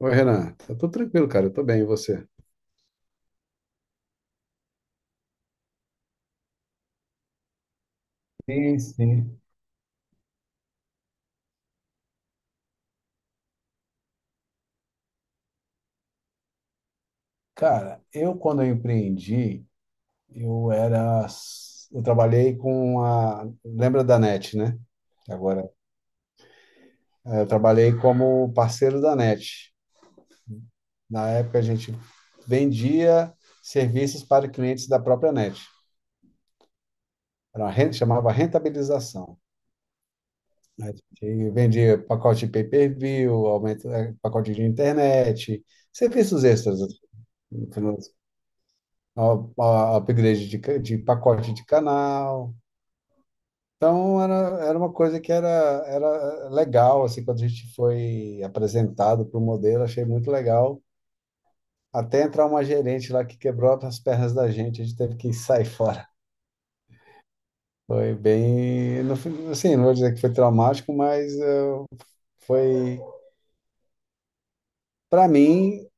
Oi, Renan. Tá tudo tranquilo, cara. Eu tô bem, e você? Sim, sim. Cara, eu quando eu empreendi, eu era, eu trabalhei lembra da NET, né? Agora, eu trabalhei como parceiro da NET. Na época a gente vendia serviços para clientes da própria NET. Chamava rentabilização. A gente vendia pacote de pay-per-view, aumento, pacote de internet, serviços extras, no final a upgrade de, de pacote de canal. Então, era uma coisa que era legal, assim, quando a gente foi apresentado para o modelo, achei muito legal. Até entrar uma gerente lá que quebrou as pernas da gente, a gente teve que sair fora. Foi bem, assim, não vou dizer que foi traumático, mas foi, para mim,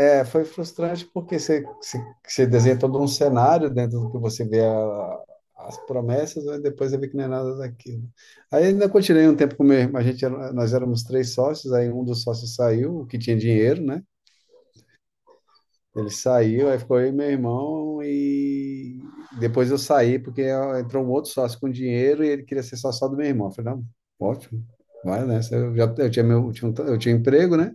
é, foi frustrante porque você desenha todo um cenário dentro do que você vê as promessas, mas depois você vê que não é nada daquilo. Aí ainda continuei um tempo com meu irmão, nós éramos três sócios, aí um dos sócios saiu, o que tinha dinheiro, né? Ele saiu, aí ficou eu e meu irmão, e depois eu saí porque ó, entrou um outro sócio com dinheiro e ele queria ser sócio só do meu irmão. Eu falei, não, ótimo, vai, né? Eu já eu tinha, meu, eu tinha um tra- Eu tinha um emprego, né?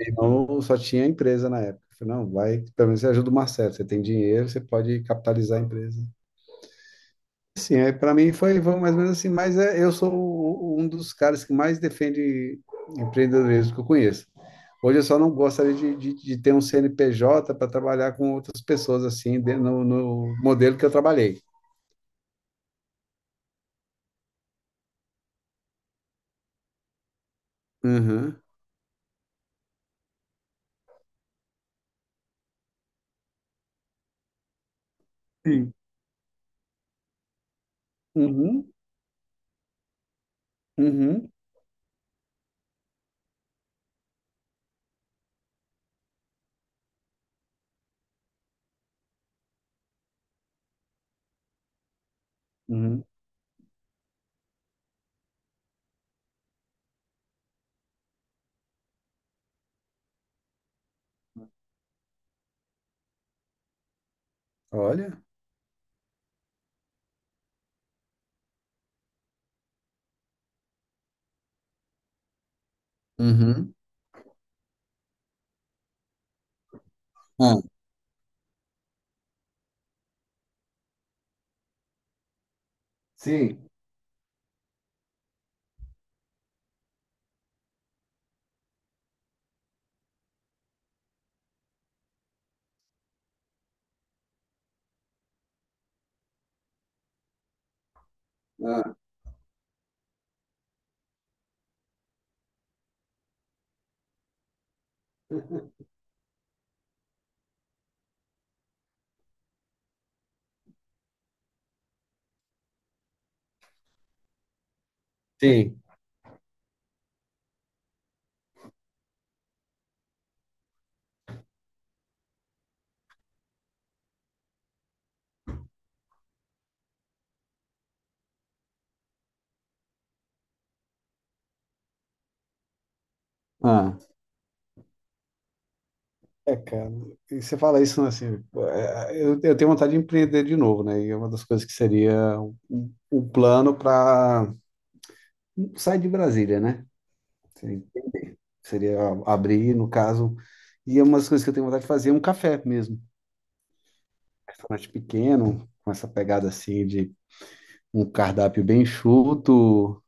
Então, só tinha empresa na época. Eu falei, não, vai, pelo menos você ajuda o Marcelo, você tem dinheiro, você pode capitalizar a empresa. Sim, aí para mim foi mais ou menos assim, mas é, eu sou um dos caras que mais defende empreendedorismo que eu conheço. Hoje eu só não gostaria de ter um CNPJ para trabalhar com outras pessoas assim, no modelo que eu trabalhei. Uhum. Sim. Uhum. Uhum. Uhum. Olha. Uhum. Ah. Sim. Ah. Sim. Ah. É, cara, e você fala isso, né, assim, é, eu tenho vontade de empreender de novo, né? E é uma das coisas que seria o plano para sair de Brasília, né? Assim, seria abrir, no caso, e é uma das coisas que eu tenho vontade de fazer é um café mesmo. Um restaurante pequeno, com essa pegada assim de um cardápio bem enxuto,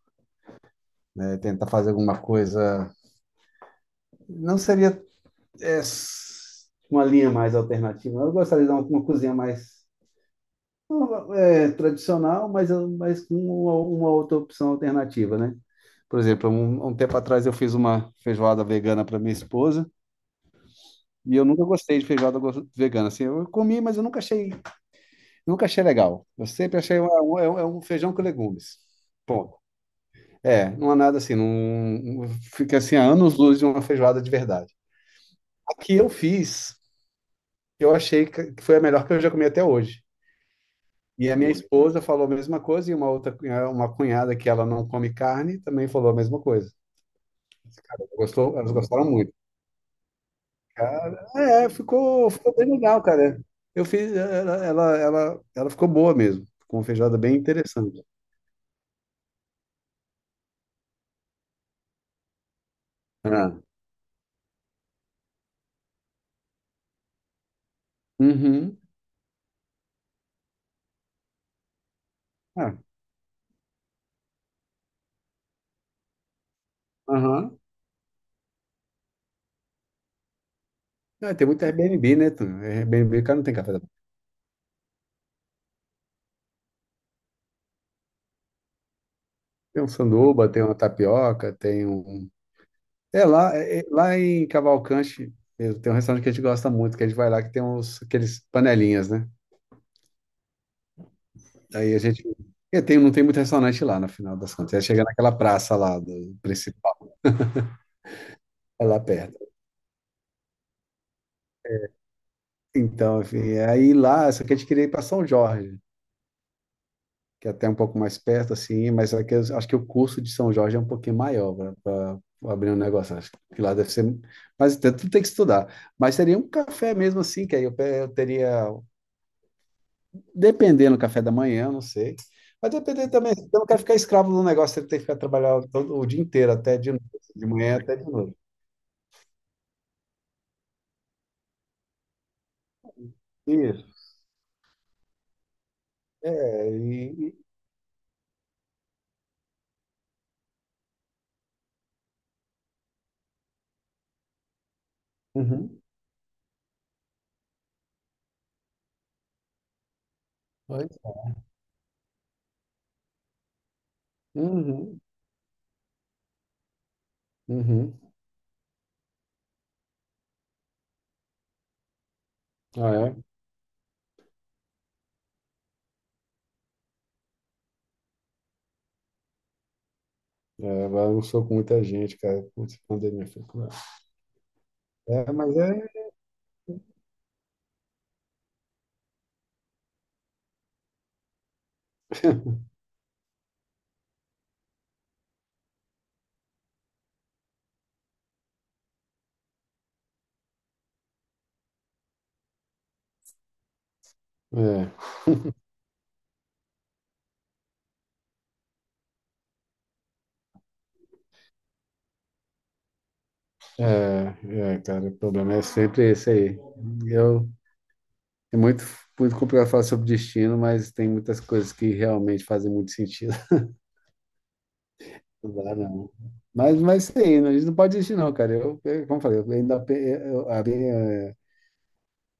é, tentar fazer alguma coisa. Não seria é, uma linha mais alternativa. Eu gostaria de dar uma cozinha mais. É tradicional, mas com uma outra opção alternativa, né? Por exemplo, um tempo atrás eu fiz uma feijoada vegana para minha esposa e eu nunca gostei de feijoada vegana. Assim, eu comi, mas eu nunca achei, nunca achei legal. Eu sempre achei é um feijão com legumes. Ponto. É, não é nada assim, não fica assim a anos luz de uma feijoada de verdade. A que eu fiz, eu achei que foi a melhor que eu já comi até hoje. E a minha esposa falou a mesma coisa, e uma outra, uma cunhada que ela não come carne também falou a mesma coisa. Gostou? Elas gostaram muito. Cara, é, ficou bem legal, cara. Eu fiz, ela ficou boa mesmo. Ficou uma feijoada bem interessante. Ah. Uhum. Ah, aham. Ah, tem muito Airbnb, né? Tu? Airbnb, cara, não tem café da manhã. Tem um sanduba, tem uma tapioca, tem um. É lá, lá em Cavalcante mesmo, tem um restaurante que a gente gosta muito, que a gente vai lá, que tem uns, aqueles panelinhas, né? Aí a gente. É, tem, não tem muito restaurante lá, no final das contas. É chegar naquela praça lá do principal, é lá perto. Então, enfim, aí lá, só que a gente queria ir para São Jorge, que é até um pouco mais perto, assim, mas é que eu acho que o custo de São Jorge é um pouquinho maior para abrir um negócio. Acho que lá deve ser. Mas tudo tem que estudar. Mas seria um café mesmo assim, que aí eu teria. Dependendo do café da manhã, não sei. Mas dependendo também, assim, eu não quero ficar escravo do negócio, eu tenho que ficar trabalhando todo o dia inteiro, até de noite, de manhã até de noite. É, e... Uhum. Mas- Uhum. Uhum. Ah, é? É, agora eu sou com muita gente, cara. Putz, pandemia foi cruel. É, mas é... É, é, é, cara, o problema é sempre esse aí. Eu, é muito, muito complicado falar sobre destino, mas tem muitas coisas que realmente fazem muito sentido. Não dá, não. Mas sim, não, a gente não pode desistir, não, cara. Como eu falei, eu ainda, pe- eu, a minha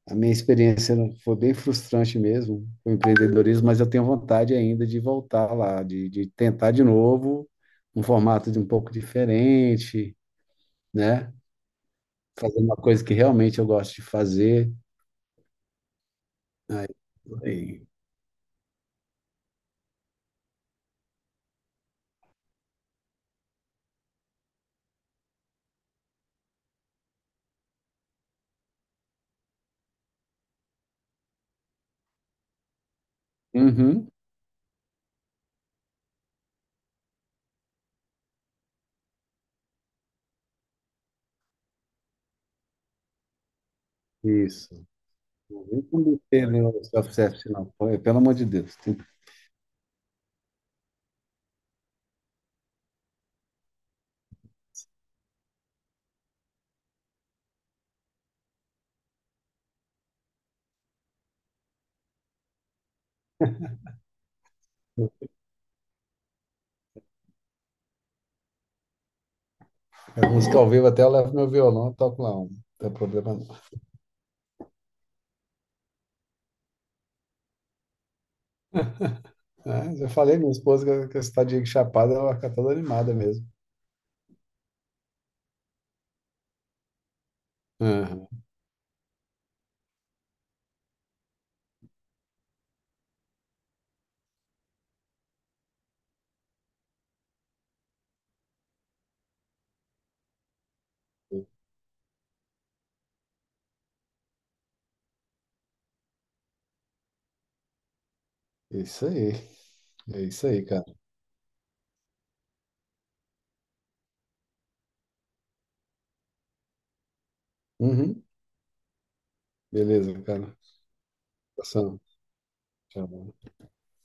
A minha experiência foi bem frustrante mesmo, o empreendedorismo, mas eu tenho vontade ainda de voltar lá, de tentar de novo, um formato de um pouco diferente, né? Fazer uma coisa que realmente eu gosto de fazer. E- Uhum, isso. Não vem com besteira, né, o self-service, não. Pô, é, pelo amor de Deus. A música ao vivo até eu levo meu violão toco lá. Não tem problema não. Ah, já falei, minha esposa, que essa tadinha de Chapada, ela fica toda animada mesmo. Aham, isso aí. É isso aí, cara. Uhum. Beleza, cara. Abração. Tchau.